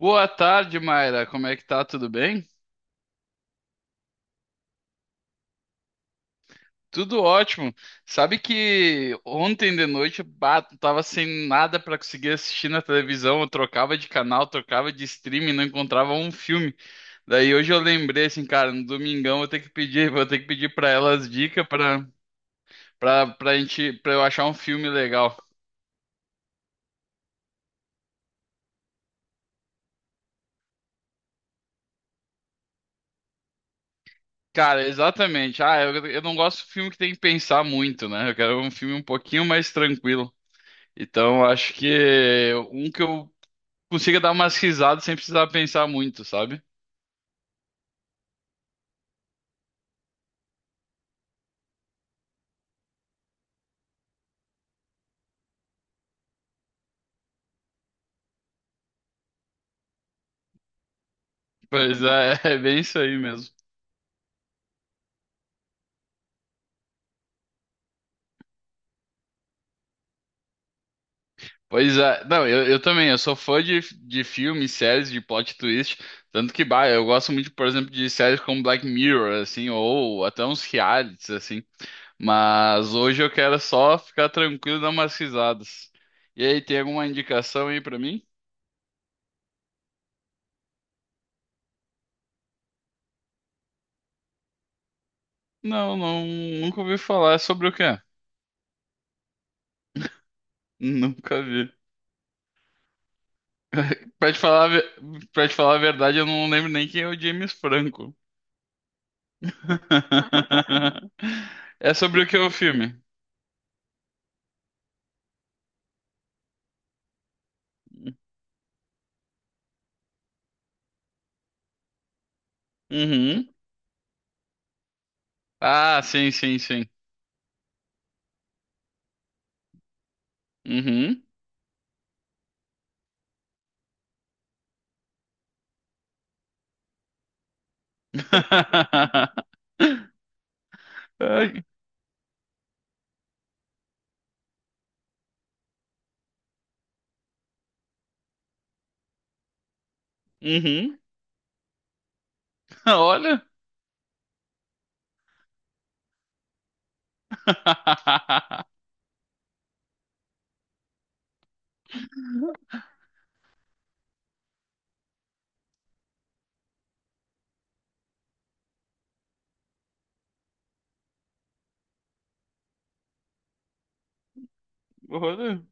Boa tarde, Mayra. Como é que tá? Tudo bem? Tudo ótimo. Sabe que ontem de noite, bah, tava sem nada pra conseguir assistir na televisão. Eu trocava de canal, trocava de streaming, não encontrava um filme. Daí hoje eu lembrei assim, cara, no domingão eu tenho que pedir, vou ter que pedir pra elas dicas pra gente, para eu achar um filme legal. Cara, exatamente. Ah, eu não gosto de filme que tem que pensar muito, né? Eu quero um filme um pouquinho mais tranquilo. Então, acho que um que eu consiga dar umas risadas sem precisar pensar muito, sabe? Pois é, é bem isso aí mesmo. Pois é, não, eu também, eu sou fã de filmes, séries, de plot twist, tanto que, bah, eu gosto muito, por exemplo, de séries como Black Mirror, assim, ou até uns realities, assim, mas hoje eu quero só ficar tranquilo e dar umas risadas. E aí, tem alguma indicação aí pra mim? Não, não, nunca ouvi falar, é sobre o quê? Nunca vi. Pra te falar, a ve- Pra te falar a verdade, eu não lembro nem quem é o James Franco. É sobre o que é o filme? Uhum. Ah, sim, sim, sim. Uhum. Ai. Uhum. Olha. Olha.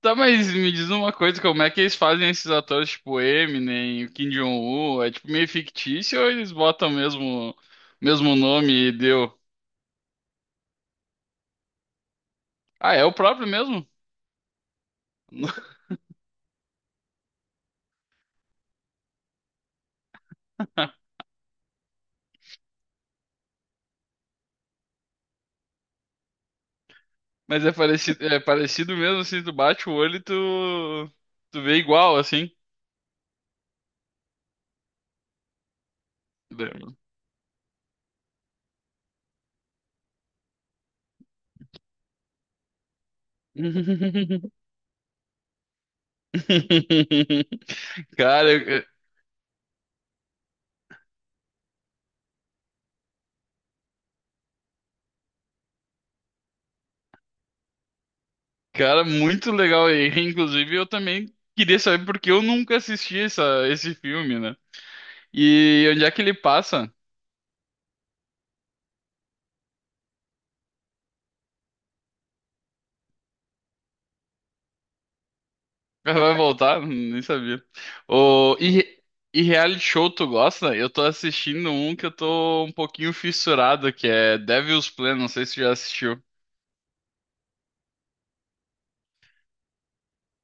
Tá, mas me diz uma coisa, como é que eles fazem esses atores tipo Eminem, o Kim Jong-un? É tipo meio fictício ou eles botam mesmo nome e deu? Ah, é o próprio mesmo? Mas é parecido mesmo, assim, tu bate o olho e tu, tu vê igual, assim. Cara, eu- cara, muito legal. E, inclusive, eu também queria saber porque eu nunca assisti essa, esse filme, né? E onde é que ele passa? Vai voltar? Nem sabia. O, e, re- e reality show, tu gosta? Eu tô assistindo um que eu tô um pouquinho fissurado, que é Devil's Plan, não sei se tu já assistiu.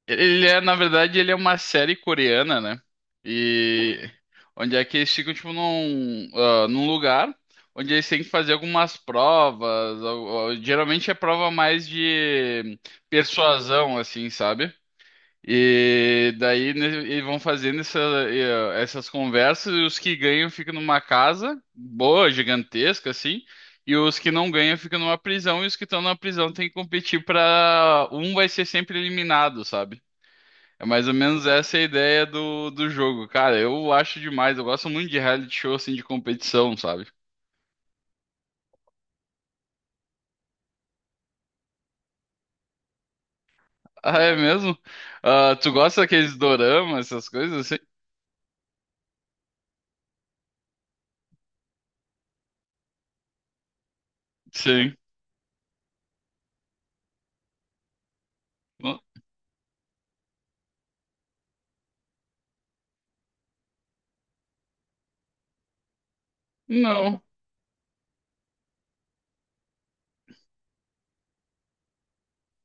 Ele é, na verdade, ele é uma série coreana, né? E onde é que eles ficam, tipo, num, ah, num lugar onde eles têm que fazer algumas provas. Geralmente é prova mais de persuasão, assim, sabe? E daí né, eles vão fazendo essas conversas e os que ganham ficam numa casa boa, gigantesca, assim. E os que não ganham ficam numa prisão, e os que estão na prisão têm que competir pra. Um vai ser sempre eliminado, sabe? É mais ou menos essa a ideia do jogo. Cara, eu acho demais. Eu gosto muito de reality show, assim, de competição, sabe? Ah, é mesmo? Ah, tu gosta daqueles doramas, essas coisas assim? Sim. N- Não.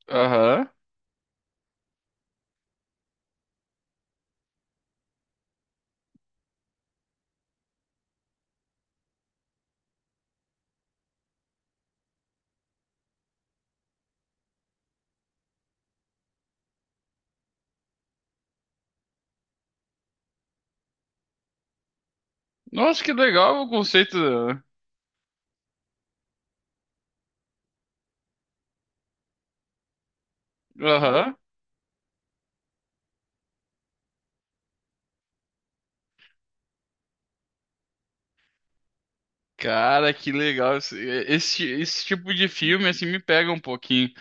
Aham. Nossa, que legal o conceito. Aham. Cara, que legal. Esse tipo de filme, assim, me pega um pouquinho.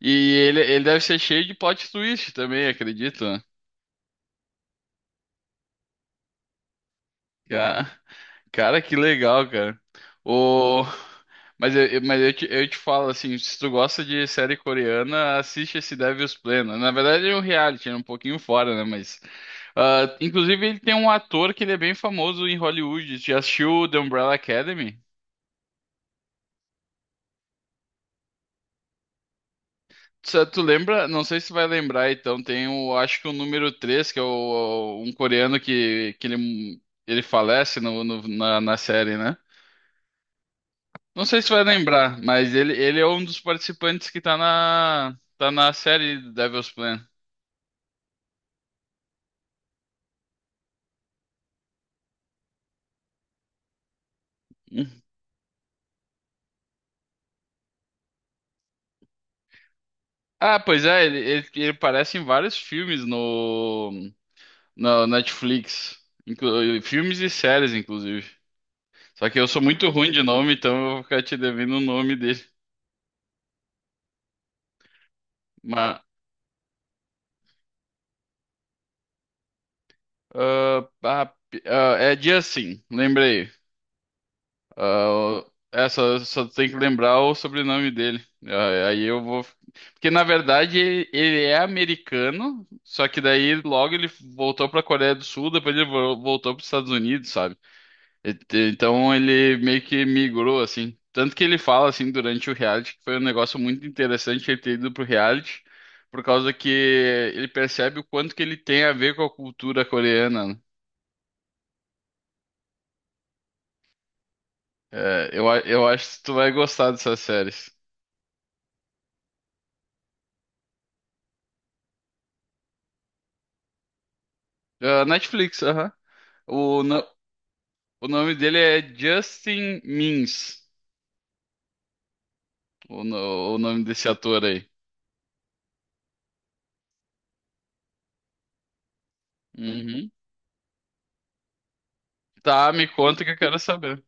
E ele deve ser cheio de plot twist também, acredito. Né? Cara. Cara, que legal, cara. O... Mas, eu te falo assim, se tu gosta de série coreana, assiste esse Devil's Plano. Na verdade é um reality, é um pouquinho fora, né? Mas, ah, inclusive ele tem um ator que ele é bem famoso em Hollywood. Já assistiu The Umbrella Academy? Tu lembra? Não sei se tu vai lembrar, então tem o, acho que o número 3 que é o, um coreano que, ele falece na série, né? Não sei se vai lembrar, mas ele é um dos participantes que tá tá na série Devil's Plan. Hum. Ah, pois é, ele aparece em vários filmes no Netflix. Filmes e séries, inclusive. Só que eu sou muito ruim de nome, então eu vou ficar te devendo o nome dele. Mas, ah, ah, é dia sim, lembrei. Ah, é, só tem que lembrar o sobrenome dele. Ah, aí eu vou. Porque na verdade ele é americano, só que daí logo ele voltou pra Coreia do Sul, depois ele voltou pros Estados Unidos, sabe? E- Então ele meio que migrou assim. Tanto que ele fala assim durante o reality que foi um negócio muito interessante ele ter ido pro reality, por causa que ele percebe o quanto que ele tem a ver com a cultura coreana. Né? Eu acho que tu vai gostar dessas séries. Ah, Netflix, aham. O, no- O nome dele é Justin Mins o, no- o nome desse ator aí. Uhum. Tá, me conta que eu quero saber.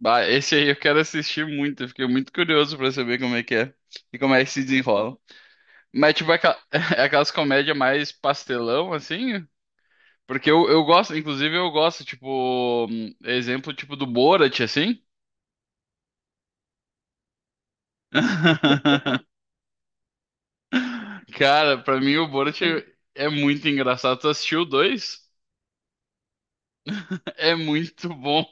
Bah, esse aí eu quero assistir muito, eu fiquei muito curioso pra saber como é que é e como é que se desenrola. Mas tipo, é aquelas comédias mais pastelão, assim, porque eu gosto, inclusive eu gosto, tipo, exemplo tipo do Borat, assim. Cara, pra mim o Borat é muito engraçado. Tu assistiu o dois? É muito bom.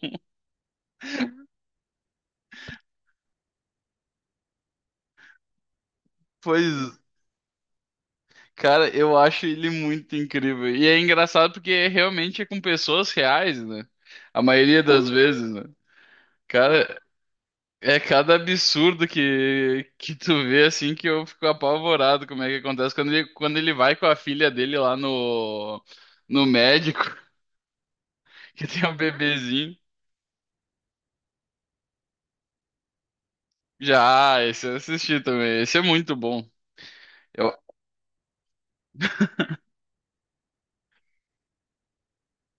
Pois, cara, eu acho ele muito incrível. E é engraçado porque realmente é com pessoas reais, né? A maioria das vezes, né? Cara, é cada absurdo que tu vê assim que eu fico apavorado como é que acontece quando quando ele vai com a filha dele lá no médico, que tem um bebezinho. Já, ah, esse eu assisti também. Esse é muito bom. Eu...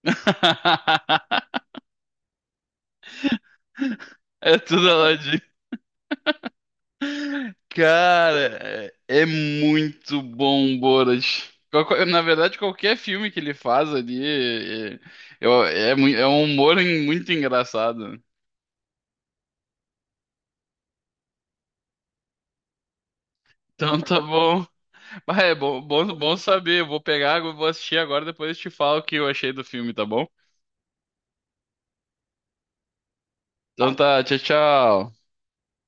É tudo lá. Cara, é muito bom, Borat. Na verdade, qualquer filme que ele faz ali é um humor muito engraçado. Então tá bom. Mas é bom, bom, bom saber. Eu vou pegar, eu vou assistir agora, depois eu te falo o que eu achei do filme, tá bom? Então tá, tchau, tchau.